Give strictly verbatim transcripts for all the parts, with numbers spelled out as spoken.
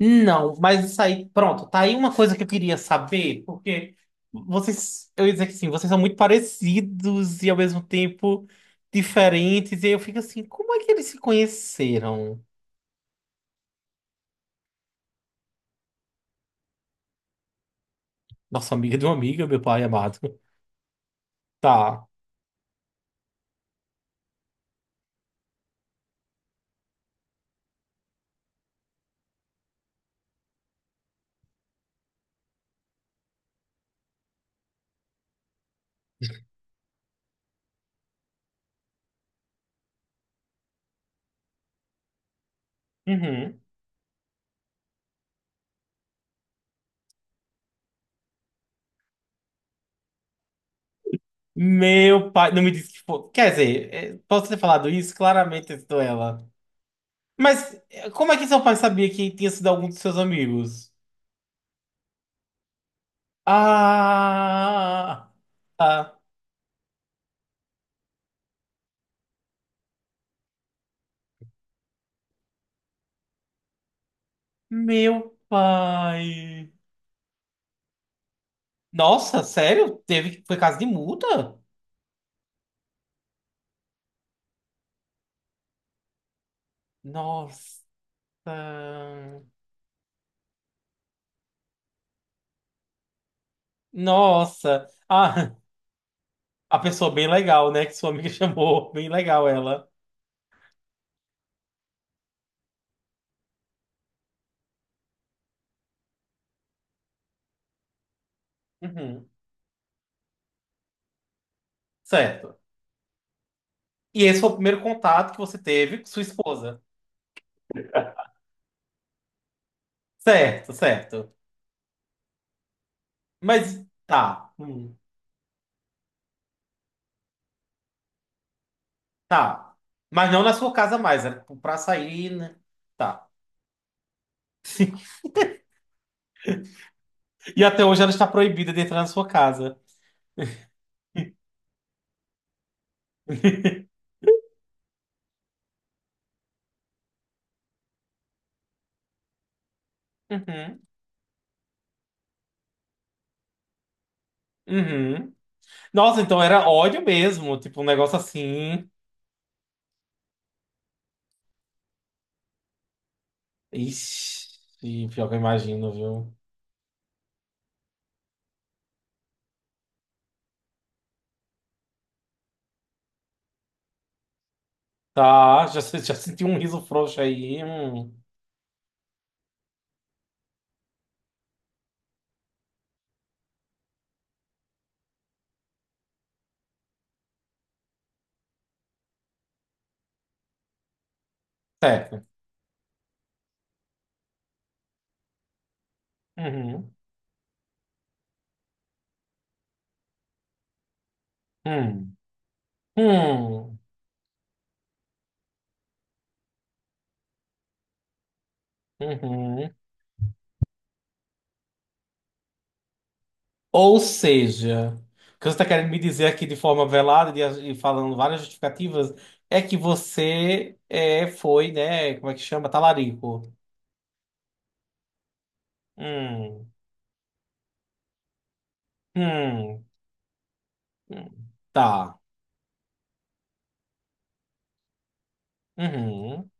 Não, mas isso aí, pronto, tá aí uma coisa que eu queria saber, porque vocês, eu ia dizer que sim, vocês são muito parecidos e ao mesmo tempo diferentes, e aí eu fico assim, como é que eles se conheceram? Nossa amiga de uma amiga, meu pai amado. Tá. Uhum. Meu pai, não me disse que foi. Quer dizer, é, posso ter falado isso? Claramente eu sou ela. Mas é, como é que seu pai sabia que tinha sido algum dos seus amigos? Ah! Tá. Meu pai. Nossa, sério? Teve, foi caso de multa? Nossa. Nossa. Ah, a pessoa bem legal, né? Que sua amiga chamou. Bem legal ela. Uhum. Certo. E esse foi o primeiro contato que você teve com sua esposa. Certo, certo. Mas tá. Hum, tá. Mas não na sua casa mais, era pra sair, né? Tá. E até hoje ela está proibida de entrar na sua casa. Uhum. Uhum. Nossa, então era ódio mesmo, tipo um negócio assim. Ixi, pior que eu imagino, viu? Tá, já, se- já senti um riso frouxo aí. Hum. Certo. Uhum. Hum. Hum. Uhum. Ou seja, o que você está querendo me dizer aqui de forma velada e e falando várias justificativas é que você é, foi, né? Como é que chama? Talarico. Hum. Hum. Hum. Tá. Uhum.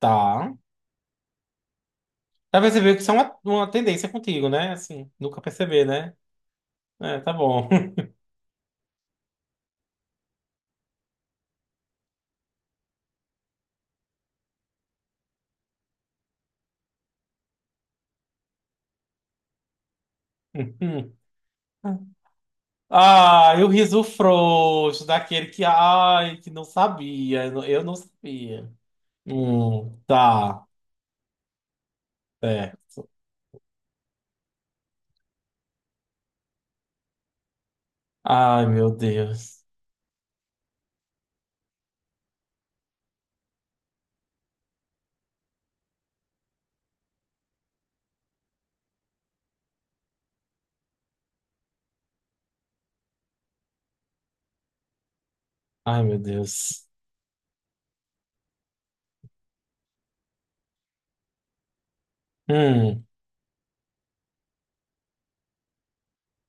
Tá. Já percebeu que isso é uma, uma tendência contigo, né? Assim, nunca perceber, né? É, tá bom. Ah, e o riso frouxo daquele que, ai, que não sabia. Eu não, eu não sabia. Hum, tá, certo. Ai, meu Deus. Ai, meu Deus. Hum,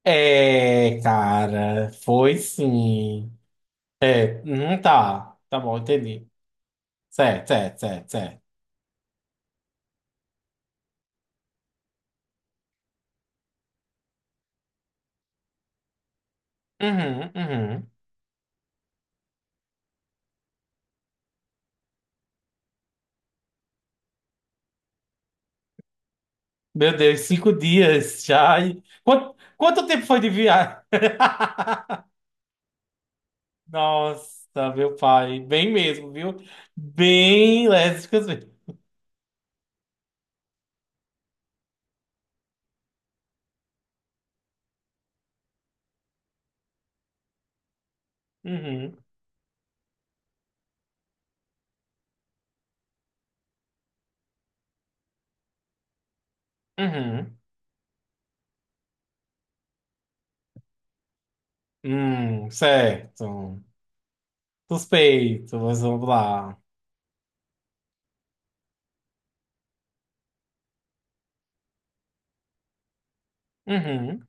é, cara, foi sim. É, hum, tá. Tá bom, entendi. Certo, certo, certo, certo. Uhum, uhum. Meu Deus, cinco dias já. E Quanto, quanto tempo foi de viagem? Nossa, meu pai. Bem mesmo, viu? Bem lésbicas mesmo. Uhum, uhum. Hum, certo. Suspeito, mas vamos lá. Uhum.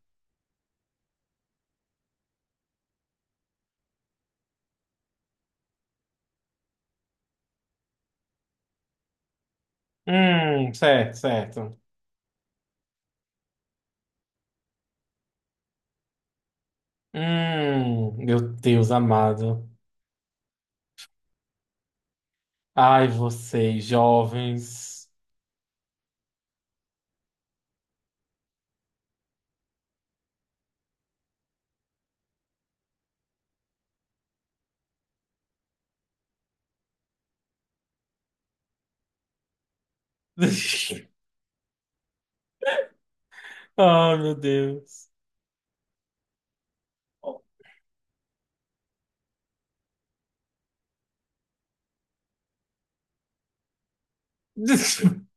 Hum, certo, certo. Hum, meu Deus amado. Ai, vocês, jovens. Ai, meu Deus.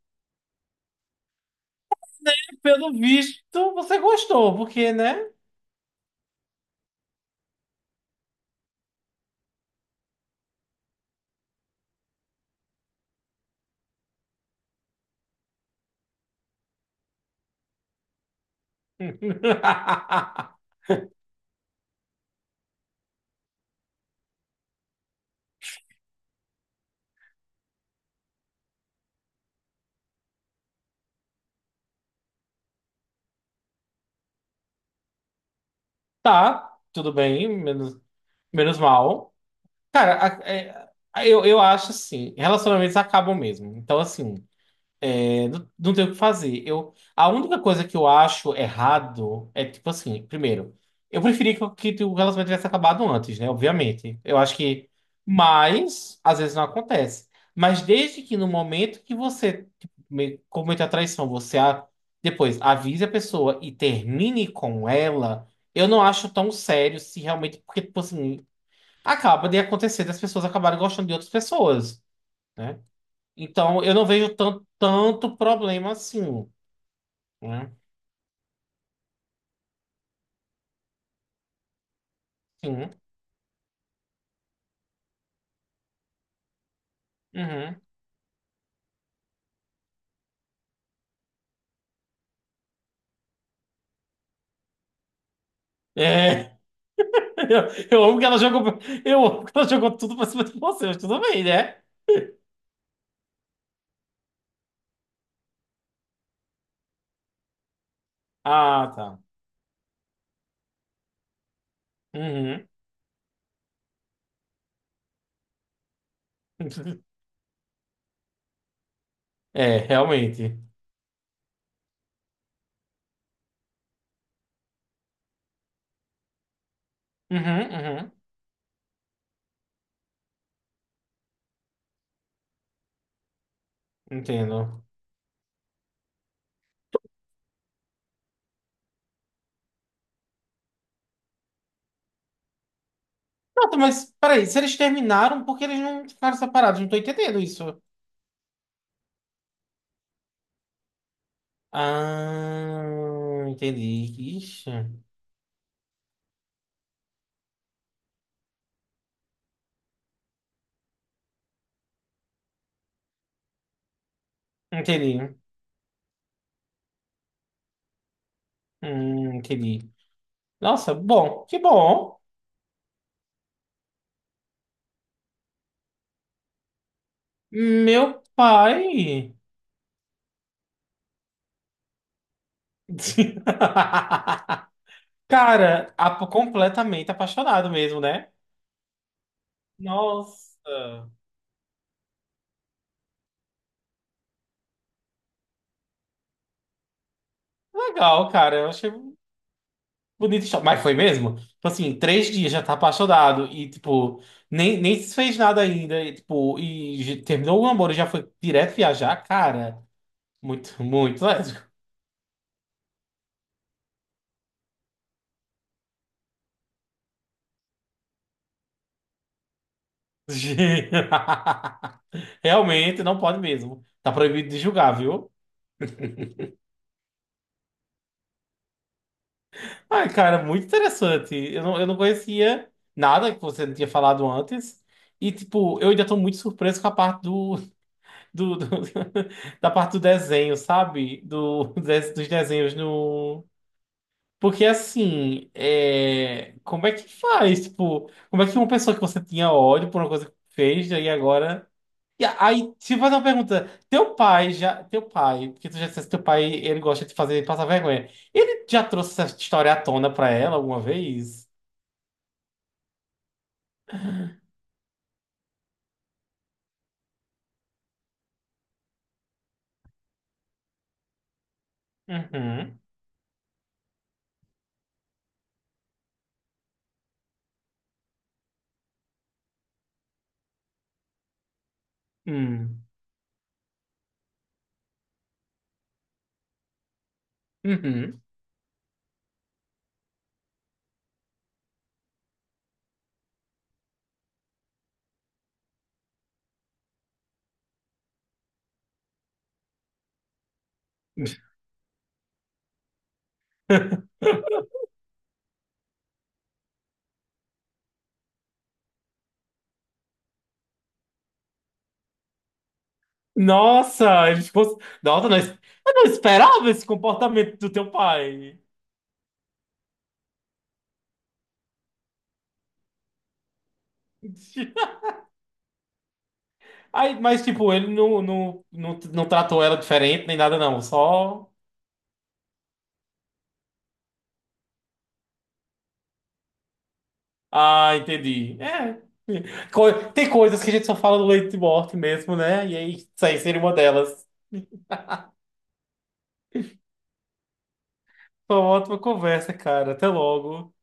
Pelo visto, você gostou, porque, né? Tá, tudo bem, menos, menos mal. Cara, a- é- eu, eu acho assim, relacionamentos acabam mesmo. Então, assim. É, não, não tem o que fazer. Eu, a única coisa que eu acho errado é tipo assim, primeiro, eu preferi que, que o relacionamento tivesse acabado antes, né? Obviamente. Eu acho que, mas às vezes não acontece. Mas desde que no momento que você tipo, me- comete a traição, você a- depois avise a pessoa e termine com ela, eu não acho tão sério se realmente, porque, tipo assim, acaba de acontecer das pessoas acabarem gostando de outras pessoas. Né? Então, eu não vejo tanto, tanto problema assim, né? Sim. Uhum. É, eu, eu amo que ela jogou, eu amo que ela jogou tudo pra cima de você, mas tudo bem, né? Ah, tá. Uhum. É, realmente. Uhum, uhum. Entendo. Pronto, mas peraí, se eles terminaram, por que eles não ficaram separados? Não tô entendendo isso. Ah, entendi. Ixi. Entendi. Hum, entendi. Nossa, bom, que bom. Meu pai. Cara, a- completamente apaixonado mesmo, né? Nossa. Legal, cara. Eu achei bonito. Isso. Mas foi mesmo? Tipo assim, três dias já tá apaixonado e, tipo, nem, nem se fez nada ainda. E, tipo, e j- terminou o namoro e já foi direto viajar. Cara, muito, muito lésbico. Realmente, não pode mesmo. Tá proibido de julgar, viu? Ai, cara, muito interessante. Eu não, eu não conhecia nada que você não tinha falado antes. E, tipo, eu ainda tô muito surpreso com a parte do, do, do- da parte do desenho, sabe? Do, des- dos desenhos no. Porque, assim, é... como é que faz? Tipo, como é que uma pessoa que você tinha ódio por uma coisa que fez, e agora. E aí, se eu fazer uma pergunta, teu pai já, teu pai, porque tu já disse que teu pai, ele gosta de fazer passar vergonha. Ele já trouxe essa história à tona pra ela alguma vez? Uhum. Hum. Uhum. Nossa, ele ficou. Nossa, não, es- eu não esperava esse comportamento do teu pai. Aí, mas, tipo, ele não, não, não, não tratou ela diferente nem nada, não. Só. Ah, entendi. É. Co- Tem coisas que a gente só fala do leite de morte mesmo, né? E aí, isso aí seria uma delas. Foi uma ótima conversa, cara. Até logo.